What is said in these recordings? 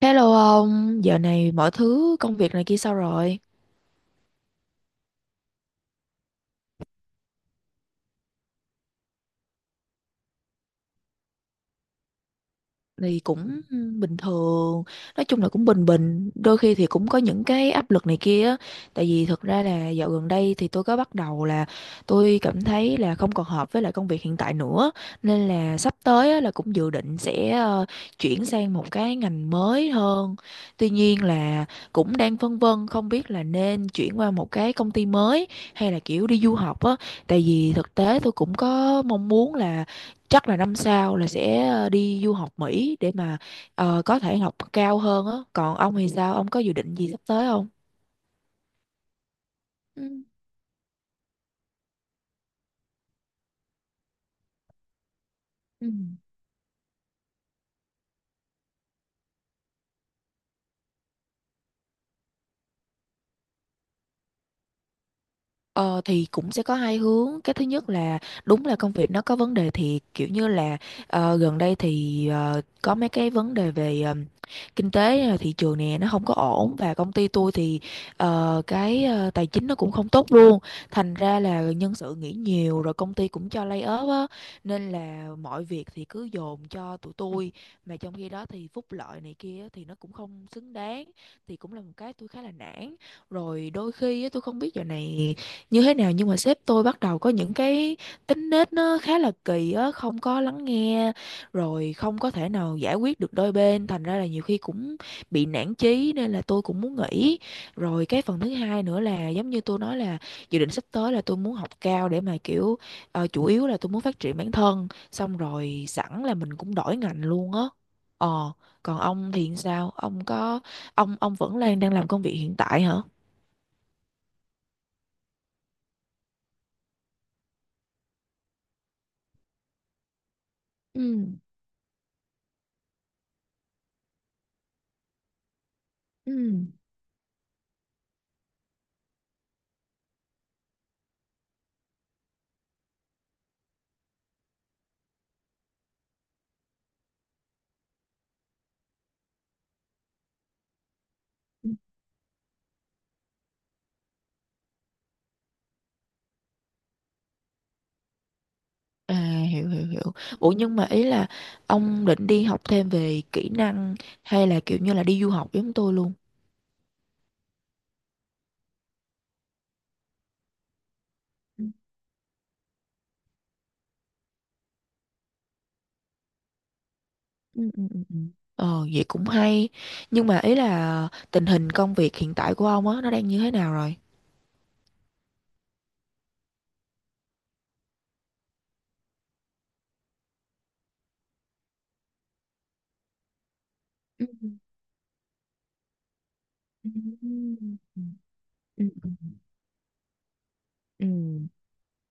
Hello ông, giờ này mọi thứ công việc này kia sao rồi? Thì cũng bình thường, nói chung là cũng bình bình, đôi khi thì cũng có những cái áp lực này kia á. Tại vì thực ra là dạo gần đây thì tôi có bắt đầu là tôi cảm thấy là không còn hợp với lại công việc hiện tại nữa, nên là sắp tới á, là cũng dự định sẽ chuyển sang một cái ngành mới hơn. Tuy nhiên là cũng đang phân vân không biết là nên chuyển qua một cái công ty mới hay là kiểu đi du học á, tại vì thực tế tôi cũng có mong muốn là chắc là năm sau là sẽ đi du học Mỹ để mà có thể học cao hơn á. Còn ông thì sao, ông có dự định gì sắp tới không? Ừ. Ừ. Ờ, thì cũng sẽ có hai hướng. Cái thứ nhất là đúng là công việc nó có vấn đề, thì kiểu như là gần đây thì có mấy cái vấn đề về kinh tế, thị trường nè nó không có ổn, và công ty tôi thì cái tài chính nó cũng không tốt luôn. Thành ra là nhân sự nghỉ nhiều, rồi công ty cũng cho lay off á, nên là mọi việc thì cứ dồn cho tụi tôi, mà trong khi đó thì phúc lợi này kia á thì nó cũng không xứng đáng, thì cũng là một cái tôi khá là nản. Rồi đôi khi á, tôi không biết giờ này như thế nào, nhưng mà sếp tôi bắt đầu có những cái tính nết nó khá là kỳ á, không có lắng nghe rồi không có thể nào giải quyết được đôi bên, thành ra là nhiều khi cũng bị nản chí, nên là tôi cũng muốn nghỉ. Rồi cái phần thứ hai nữa là giống như tôi nói là dự định sắp tới là tôi muốn học cao để mà kiểu chủ yếu là tôi muốn phát triển bản thân, xong rồi sẵn là mình cũng đổi ngành luôn á. Ờ, còn ông thì sao, ông có ông vẫn đang đang làm công việc hiện tại hả? Ừ. Ừ. À, hiểu hiểu hiểu. Ủa, nhưng mà ý là ông định đi học thêm về kỹ năng hay là kiểu như là đi du học giống tôi luôn? Ừ, ừ, ừ, ừ. Ừ. Ờ, vậy cũng hay. Nhưng mà ý là tình hình công việc hiện tại của ông á nó đang như thế nào rồi? Ừ, ừ, ừ, ừ, ừ, ừ. Ừ,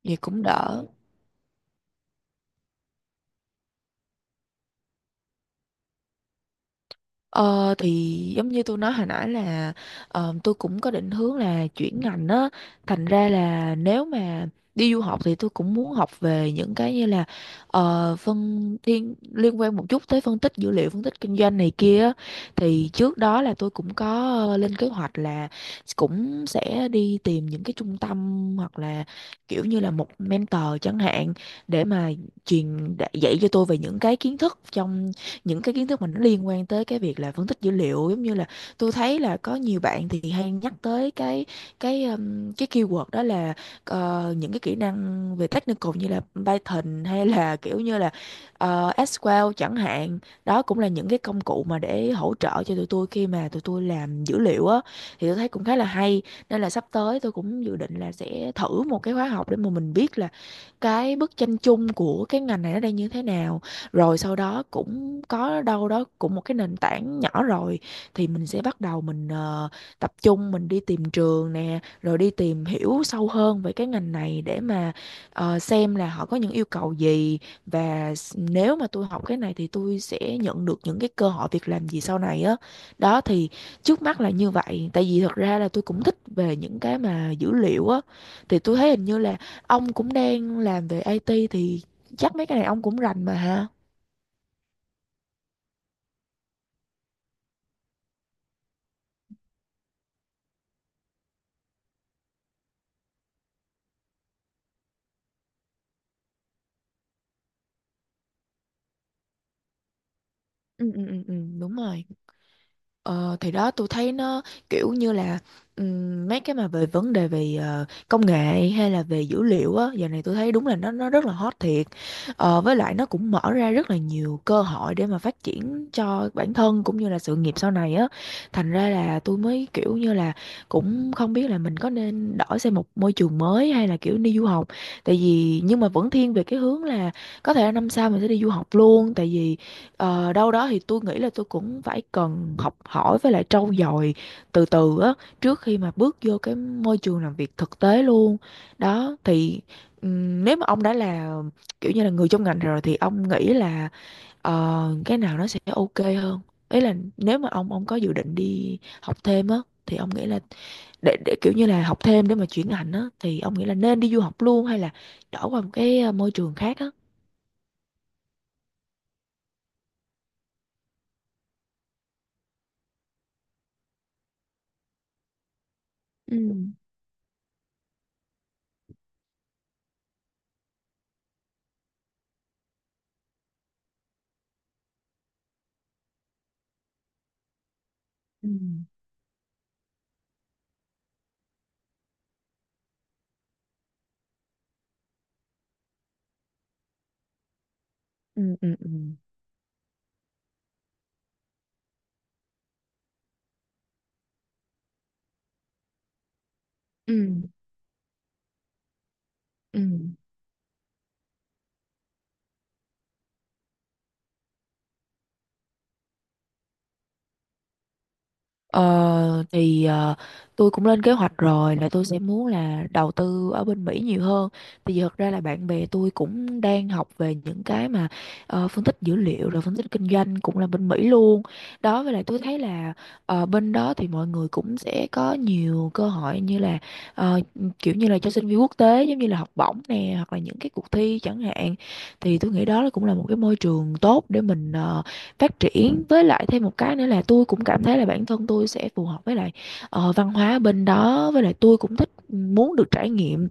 vậy cũng đỡ. Ờ, thì giống như tôi nói hồi nãy là tôi cũng có định hướng là chuyển ngành á, thành ra là nếu mà đi du học thì tôi cũng muốn học về những cái như là phân thiên liên quan một chút tới phân tích dữ liệu, phân tích kinh doanh này kia á. Thì trước đó là tôi cũng có lên kế hoạch là cũng sẽ đi tìm những cái trung tâm hoặc là kiểu như là một mentor chẳng hạn, để mà truyền dạy cho tôi về những cái kiến thức mà nó liên quan tới cái việc là phân tích dữ liệu. Giống như là tôi thấy là có nhiều bạn thì hay nhắc tới cái keyword đó là những cái kỹ năng về technical như là Python hay là kiểu như là SQL chẳng hạn, đó cũng là những cái công cụ mà để hỗ trợ cho tụi tôi khi mà tụi tôi làm dữ liệu á. Thì tôi thấy cũng khá là hay, nên là sắp tới tôi cũng dự định là sẽ thử một cái khóa học để mà mình biết là cái bức tranh chung của cái ngành này nó đang như thế nào, rồi sau đó cũng có đâu đó cũng một cái nền tảng nhỏ rồi thì mình sẽ bắt đầu mình tập trung, mình đi tìm trường nè, rồi đi tìm hiểu sâu hơn về cái ngành này để mà xem là họ có những yêu cầu gì, và nếu mà tôi học cái này thì tôi sẽ nhận được những cái cơ hội việc làm gì sau này á. Đó, thì trước mắt là như vậy, tại vì thật ra là tôi cũng thích về những cái mà dữ liệu á. Thì tôi thấy hình như là ông cũng đang làm về IT thì chắc mấy cái này ông cũng rành mà ha. Ừ, ừ, ừ, ừ, đúng rồi. Ờ, thì đó tôi thấy nó kiểu như là mấy cái mà về vấn đề về công nghệ hay là về dữ liệu á, giờ này tôi thấy đúng là nó rất là hot thiệt. Ờ, với lại nó cũng mở ra rất là nhiều cơ hội để mà phát triển cho bản thân cũng như là sự nghiệp sau này á, thành ra là tôi mới kiểu như là cũng không biết là mình có nên đổi sang một môi trường mới hay là kiểu đi du học. Tại vì nhưng mà vẫn thiên về cái hướng là có thể là năm sau mình sẽ đi du học luôn, tại vì ờ, đâu đó thì tôi nghĩ là tôi cũng phải cần học hỏi với lại trau dồi từ từ á trước khi mà bước vô cái môi trường làm việc thực tế luôn. Đó, thì nếu mà ông đã là kiểu như là người trong ngành rồi thì ông nghĩ là cái nào nó sẽ ok hơn? Ý là nếu mà ông có dự định đi học thêm á thì ông nghĩ là để kiểu như là học thêm để mà chuyển ngành á thì ông nghĩ là nên đi du học luôn hay là đổi qua một cái môi trường khác á? Ừ. Ừ. Ừ, ừ, ừ. Ừ. Ừ. Ờ, thì tôi cũng lên kế hoạch rồi là tôi sẽ muốn là đầu tư ở bên Mỹ nhiều hơn. Tại vì thật ra là bạn bè tôi cũng đang học về những cái mà phân tích dữ liệu rồi phân tích kinh doanh cũng là bên Mỹ luôn. Đó, với lại tôi thấy là bên đó thì mọi người cũng sẽ có nhiều cơ hội, như là ờ, kiểu như là cho sinh viên quốc tế, giống như là học bổng nè hoặc là những cái cuộc thi chẳng hạn. Thì tôi nghĩ đó là cũng là một cái môi trường tốt để mình phát triển. Với lại thêm một cái nữa là tôi cũng cảm thấy là bản thân tôi sẽ phù hợp với lại văn hóa bên đó. Với lại tôi cũng thích ừ, muốn được trải nghiệm.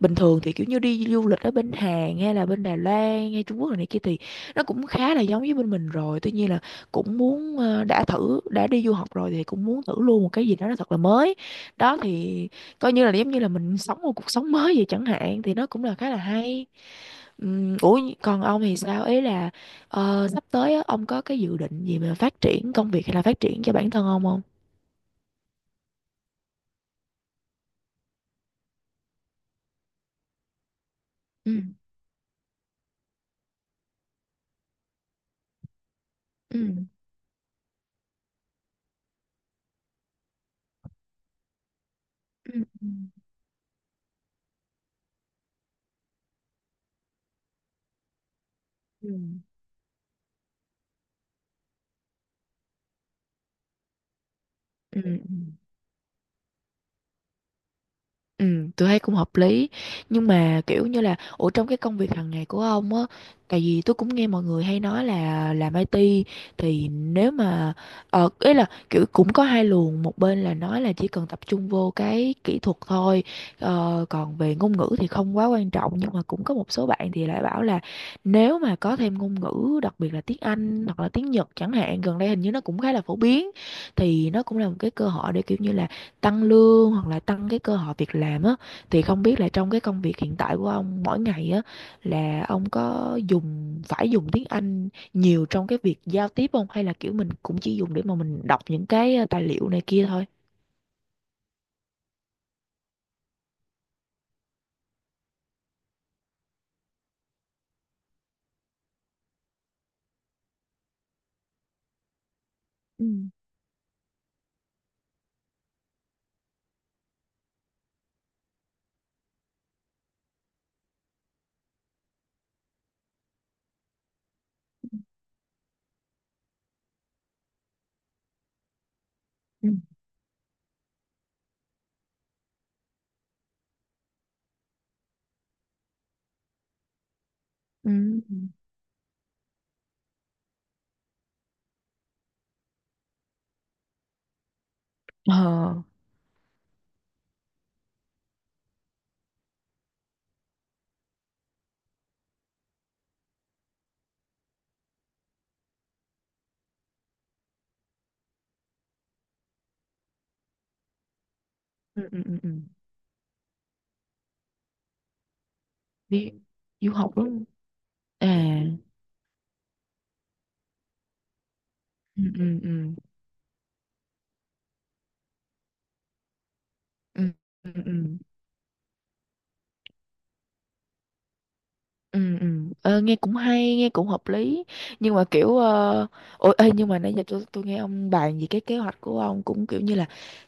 Bình thường thì kiểu như đi du lịch ở bên Hàn hay là bên Đài Loan hay Trung Quốc rồi này kia thì nó cũng khá là giống với bên mình rồi, tuy nhiên là cũng muốn đã thử đã đi du học rồi thì cũng muốn thử luôn một cái gì đó nó thật là mới. Đó thì coi như là giống như là mình sống một cuộc sống mới vậy chẳng hạn, thì nó cũng là khá là hay. Ủa, còn ông thì sao, ý là sắp tới á, ông có cái dự định gì mà phát triển công việc hay là phát triển cho bản thân ông không? Ừ. Ừ. Ừ. Ừ. Ừ. Ừ. Ừ, tôi thấy cũng hợp lý. Nhưng mà kiểu như là ủa, trong cái công việc hàng ngày của ông á, tại vì tôi cũng nghe mọi người hay nói là làm IT thì nếu mà ý là kiểu cũng có hai luồng, một bên là nói là chỉ cần tập trung vô cái kỹ thuật thôi, còn về ngôn ngữ thì không quá quan trọng, nhưng mà cũng có một số bạn thì lại bảo là nếu mà có thêm ngôn ngữ, đặc biệt là tiếng Anh hoặc là tiếng Nhật chẳng hạn, gần đây hình như nó cũng khá là phổ biến, thì nó cũng là một cái cơ hội để kiểu như là tăng lương hoặc là tăng cái cơ hội việc làm á. Thì không biết là trong cái công việc hiện tại của ông mỗi ngày á, là ông có dùng phải dùng tiếng Anh nhiều trong cái việc giao tiếp không, hay là kiểu mình cũng chỉ dùng để mà mình đọc những cái tài liệu này kia thôi? Ừ ừ ừ ừ. Ờ. Ừ ừ ừ ừ. Đi du học đúng không? À, ừ ừ ừ ừ ừ ừ. Ừ, ừ. Ờ, nghe cũng hay, nghe cũng hợp lý. Nhưng mà kiểu ôi ê, nhưng mà nãy giờ tôi nghe ông bàn về cái kế hoạch của ông cũng kiểu như là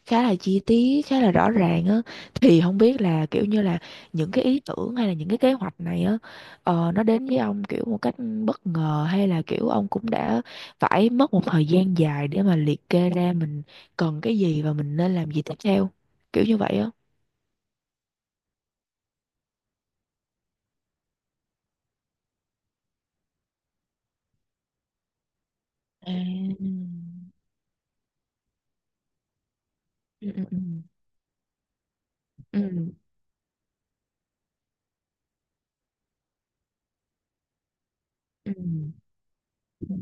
khá là chi tiết, khá là rõ ràng á, thì không biết là kiểu như là những cái ý tưởng hay là những cái kế hoạch này á, nó đến với ông kiểu một cách bất ngờ hay là kiểu ông cũng đã phải mất một thời gian dài để mà liệt kê ra mình cần cái gì và mình nên làm gì tiếp theo, kiểu như vậy á? À. Ừ ừ ừ ừ ừ.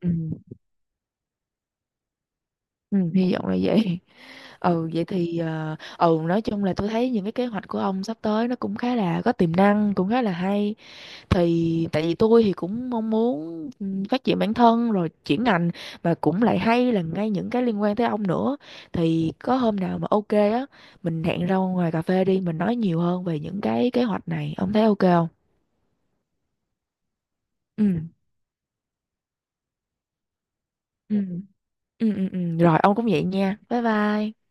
Ừ, ừ, hy vọng là vậy. Ừ, vậy thì ừ, nói chung là tôi thấy những cái kế hoạch của ông sắp tới nó cũng khá là có tiềm năng, cũng khá là hay. Thì tại vì tôi thì cũng mong muốn ừ, phát triển bản thân rồi chuyển ngành, mà cũng lại hay là ngay những cái liên quan tới ông nữa. Thì có hôm nào mà ok á, mình hẹn ra ngoài cà phê đi, mình nói nhiều hơn về những cái kế hoạch này. Ông thấy ok không? Ừ. Ừ. Ừ ừ ừ, rồi ông cũng vậy nha. Bye bye.